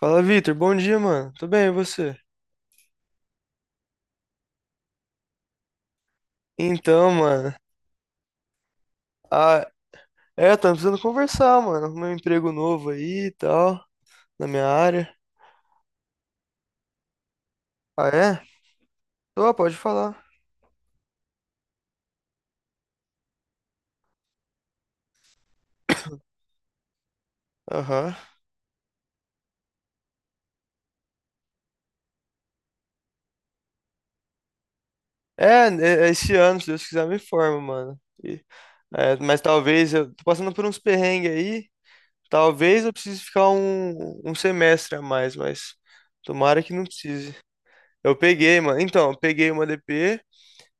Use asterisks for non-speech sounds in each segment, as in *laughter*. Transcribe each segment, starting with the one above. Fala, Vitor. Bom dia, mano. Tudo bem, e você? Então, mano. Ah, é, tá precisando conversar, mano. Meu emprego novo aí e tal, na minha área. Ah, é? Tô, pode falar. Aham. É, é esse ano, se Deus quiser, me forma, mano. É, mas talvez eu tô passando por uns perrengues aí. Talvez eu precise ficar um semestre a mais, mas tomara que não precise. Eu peguei, mano. Então, eu peguei uma DP.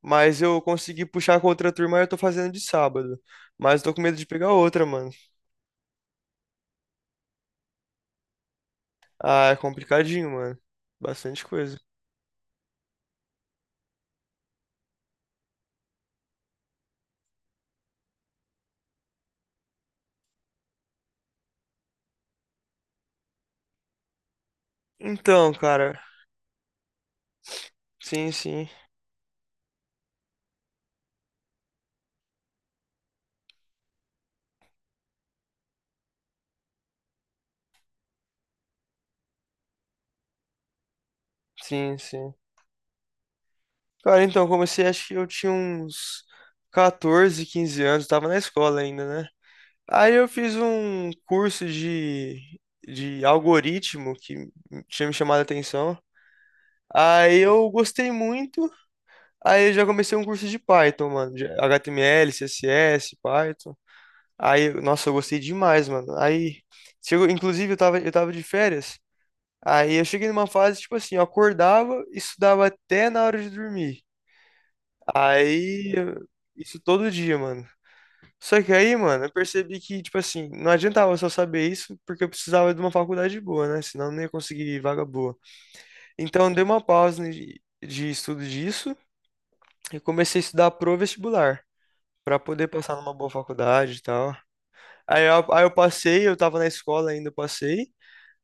Mas eu consegui puxar com outra turma e eu tô fazendo de sábado. Mas tô com medo de pegar outra, mano. Ah, é complicadinho, mano. Bastante coisa. Então, cara. Sim, sim. Sim, sim. Cara, então, eu comecei, acho que eu tinha uns 14, 15 anos. Tava na escola ainda, né? Aí eu fiz um curso de algoritmo que tinha me chamado a atenção. Aí eu gostei muito. Aí eu já comecei um curso de Python, mano, de HTML, CSS, Python. Aí, nossa, eu gostei demais, mano. Aí, chegou, inclusive, eu tava de férias. Aí eu cheguei numa fase, tipo assim, eu acordava e estudava até na hora de dormir. Aí, eu- isso todo dia, mano. Só que aí, mano, eu percebi que, tipo assim, não adiantava só saber isso, porque eu precisava de uma faculdade boa, né? Senão eu não ia conseguir vaga boa. Então, eu dei uma pausa de estudo disso e comecei a estudar pro vestibular, pra poder passar numa boa faculdade e tal. Aí eu passei, eu tava na escola ainda, eu passei.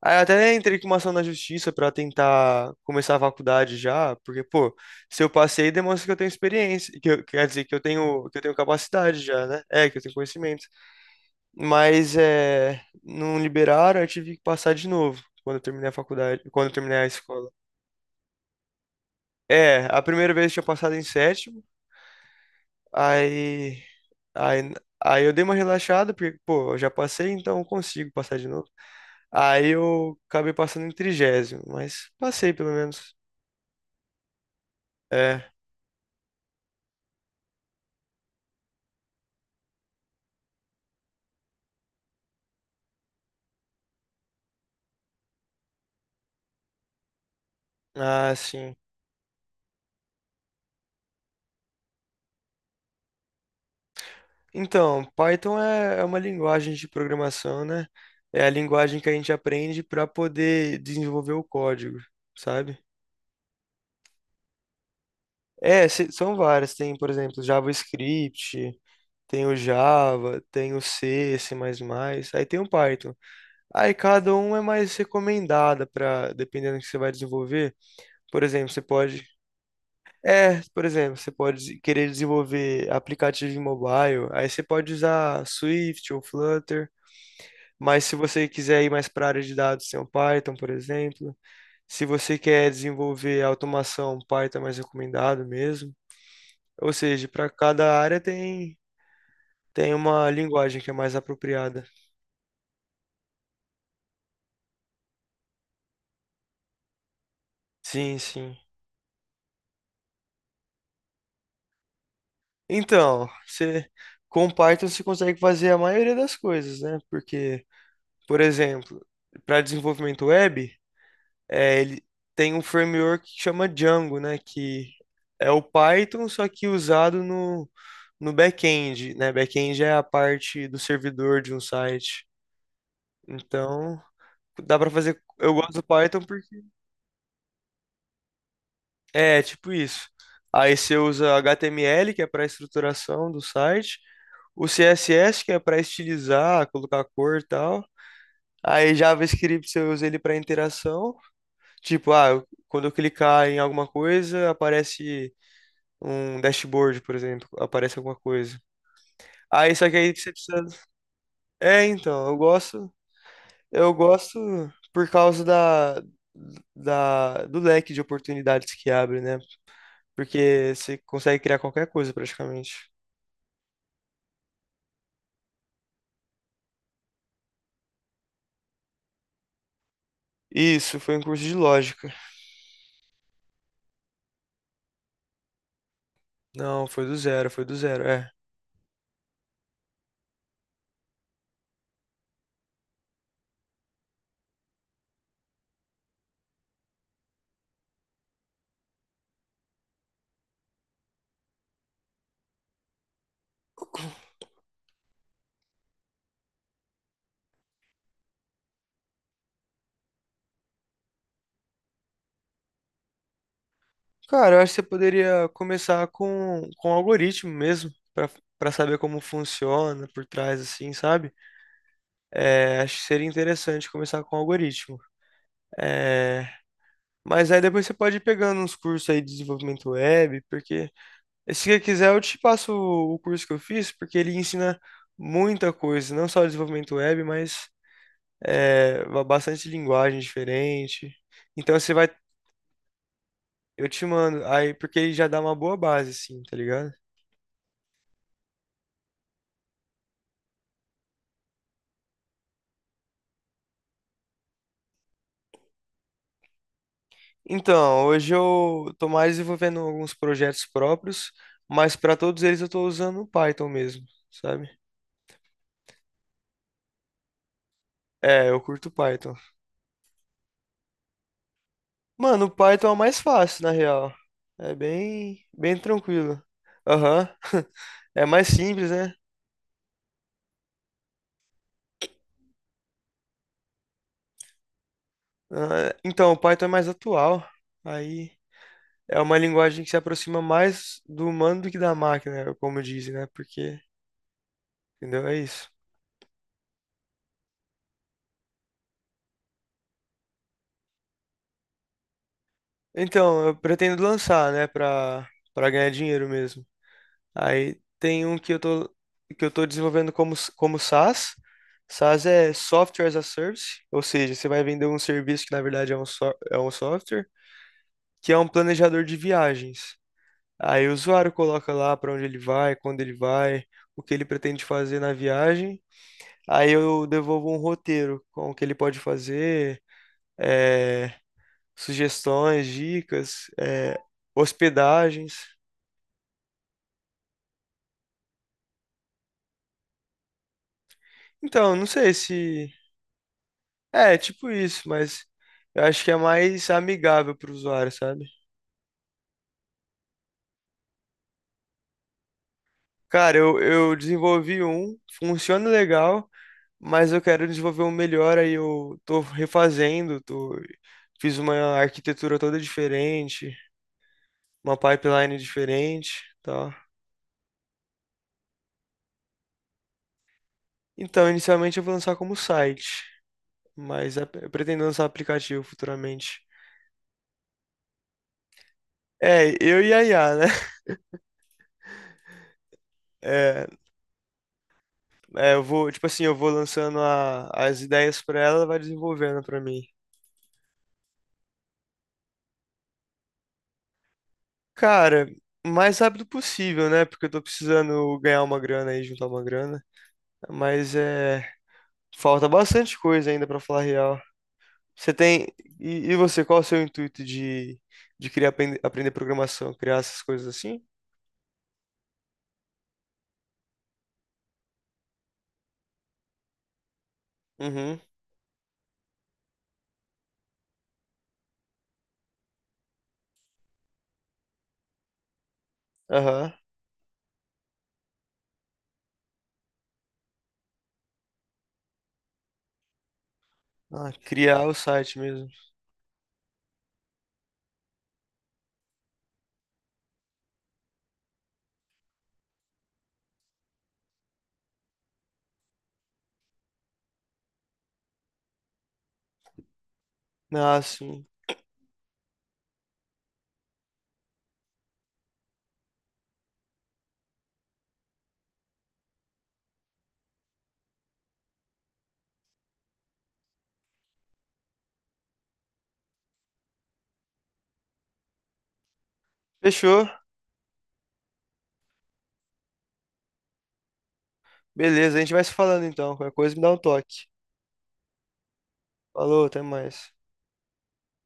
Aí eu até entrei com uma ação na justiça pra tentar começar a faculdade já, porque, pô, se eu passei, demonstra que eu tenho experiência, que quer dizer, que eu tenho capacidade já, né? É, que eu tenho conhecimento. Mas é, não liberaram, eu tive que passar de novo quando eu terminei a faculdade, quando eu terminei a escola. É, a primeira vez eu tinha passado em sétimo, aí, aí, aí eu dei uma relaxada, porque, pô, eu já passei, então eu consigo passar de novo. Aí eu acabei passando em trigésimo, mas passei pelo menos. É. Ah, sim. Então, Python é uma linguagem de programação, né? É a linguagem que a gente aprende para poder desenvolver o código, sabe? É, são várias. Tem, por exemplo, JavaScript, tem o Java, tem o C, C++, aí tem o Python. Aí cada um é mais recomendada para, dependendo do que você vai desenvolver. Por exemplo, você pode. É, por exemplo, você pode querer desenvolver aplicativo em mobile, aí você pode usar Swift ou Flutter. Mas se você quiser ir mais para a área de dados, tem o Python, por exemplo. Se você quer desenvolver automação, Python é mais recomendado mesmo. Ou seja, para cada área tem, tem uma linguagem que é mais apropriada. Sim, sim. Então, você, com Python você consegue fazer a maioria das coisas, né? Porque, por exemplo, para desenvolvimento web, é, ele tem um framework que chama Django, né? Que é o Python, só que usado no back-end, né? Back-end é a parte do servidor de um site. Então, dá para fazer. Eu gosto do Python porque é tipo isso. Aí você usa HTML, que é para estruturação do site, o CSS, que é para estilizar, colocar cor e tal. Aí JavaScript você usa ele para interação. Tipo, ah, quando eu clicar em alguma coisa, aparece um dashboard, por exemplo, aparece alguma coisa. Aí só que aí você precisa. É, então, eu gosto por causa do leque de oportunidades que abre, né? Porque você consegue criar qualquer coisa praticamente. Isso, foi um curso de lógica. Não, foi do zero, é. Cara, eu acho que você poderia começar com algoritmo mesmo, para saber como funciona por trás, assim, sabe? É, acho que seria interessante começar com algoritmo. É. Mas aí depois você pode ir pegando uns cursos aí de desenvolvimento web, porque se você quiser eu te passo o curso que eu fiz, porque ele ensina muita coisa, não só desenvolvimento web, mas é, bastante linguagem diferente. Então você vai, eu te mando aí, porque ele já dá uma boa base, assim, tá ligado? Então, hoje eu tô mais desenvolvendo alguns projetos próprios, mas para todos eles eu tô usando o Python mesmo, sabe? É, eu curto Python. Mano, o Python é o mais fácil, na real. É bem, bem tranquilo. Aham. *laughs* É mais simples, né? Ah, então, o Python é mais atual. Aí é uma linguagem que se aproxima mais do humano do que da máquina, como dizem, né? Entendeu? É isso. Então, eu pretendo lançar, né, Pra para ganhar dinheiro mesmo. Aí tem um que eu tô desenvolvendo como, como SaaS. SaaS é Software as a Service, ou seja, você vai vender um serviço que na verdade é um, é um software, que é um planejador de viagens. Aí o usuário coloca lá para onde ele vai, quando ele vai, o que ele pretende fazer na viagem. Aí eu devolvo um roteiro com o que ele pode fazer, eh, sugestões, dicas, hospedagens. Então, não sei se. É, tipo isso, mas eu acho que é mais amigável para o usuário, sabe? Cara, eu desenvolvi um, funciona legal, mas eu quero desenvolver um melhor, aí eu tô refazendo, tô, fiz uma arquitetura toda diferente, uma pipeline diferente, tá? Então, inicialmente eu vou lançar como site, mas eu pretendo lançar um aplicativo futuramente. É, eu e a IA, né? *laughs* É, eu vou, tipo assim, eu vou lançando as ideias pra ela, ela vai desenvolvendo pra mim. Cara, o mais rápido possível, né? Porque eu tô precisando ganhar uma grana aí, juntar uma grana. Mas é. Falta bastante coisa ainda pra falar a real. Você tem. E você, qual é o seu intuito de criar, aprender programação? Criar essas coisas assim? Uhum. Aham. Ah, criar o site mesmo. Ah, sim. Fechou. Beleza, a gente vai se falando então. Qualquer coisa me dá um toque. Falou, até mais.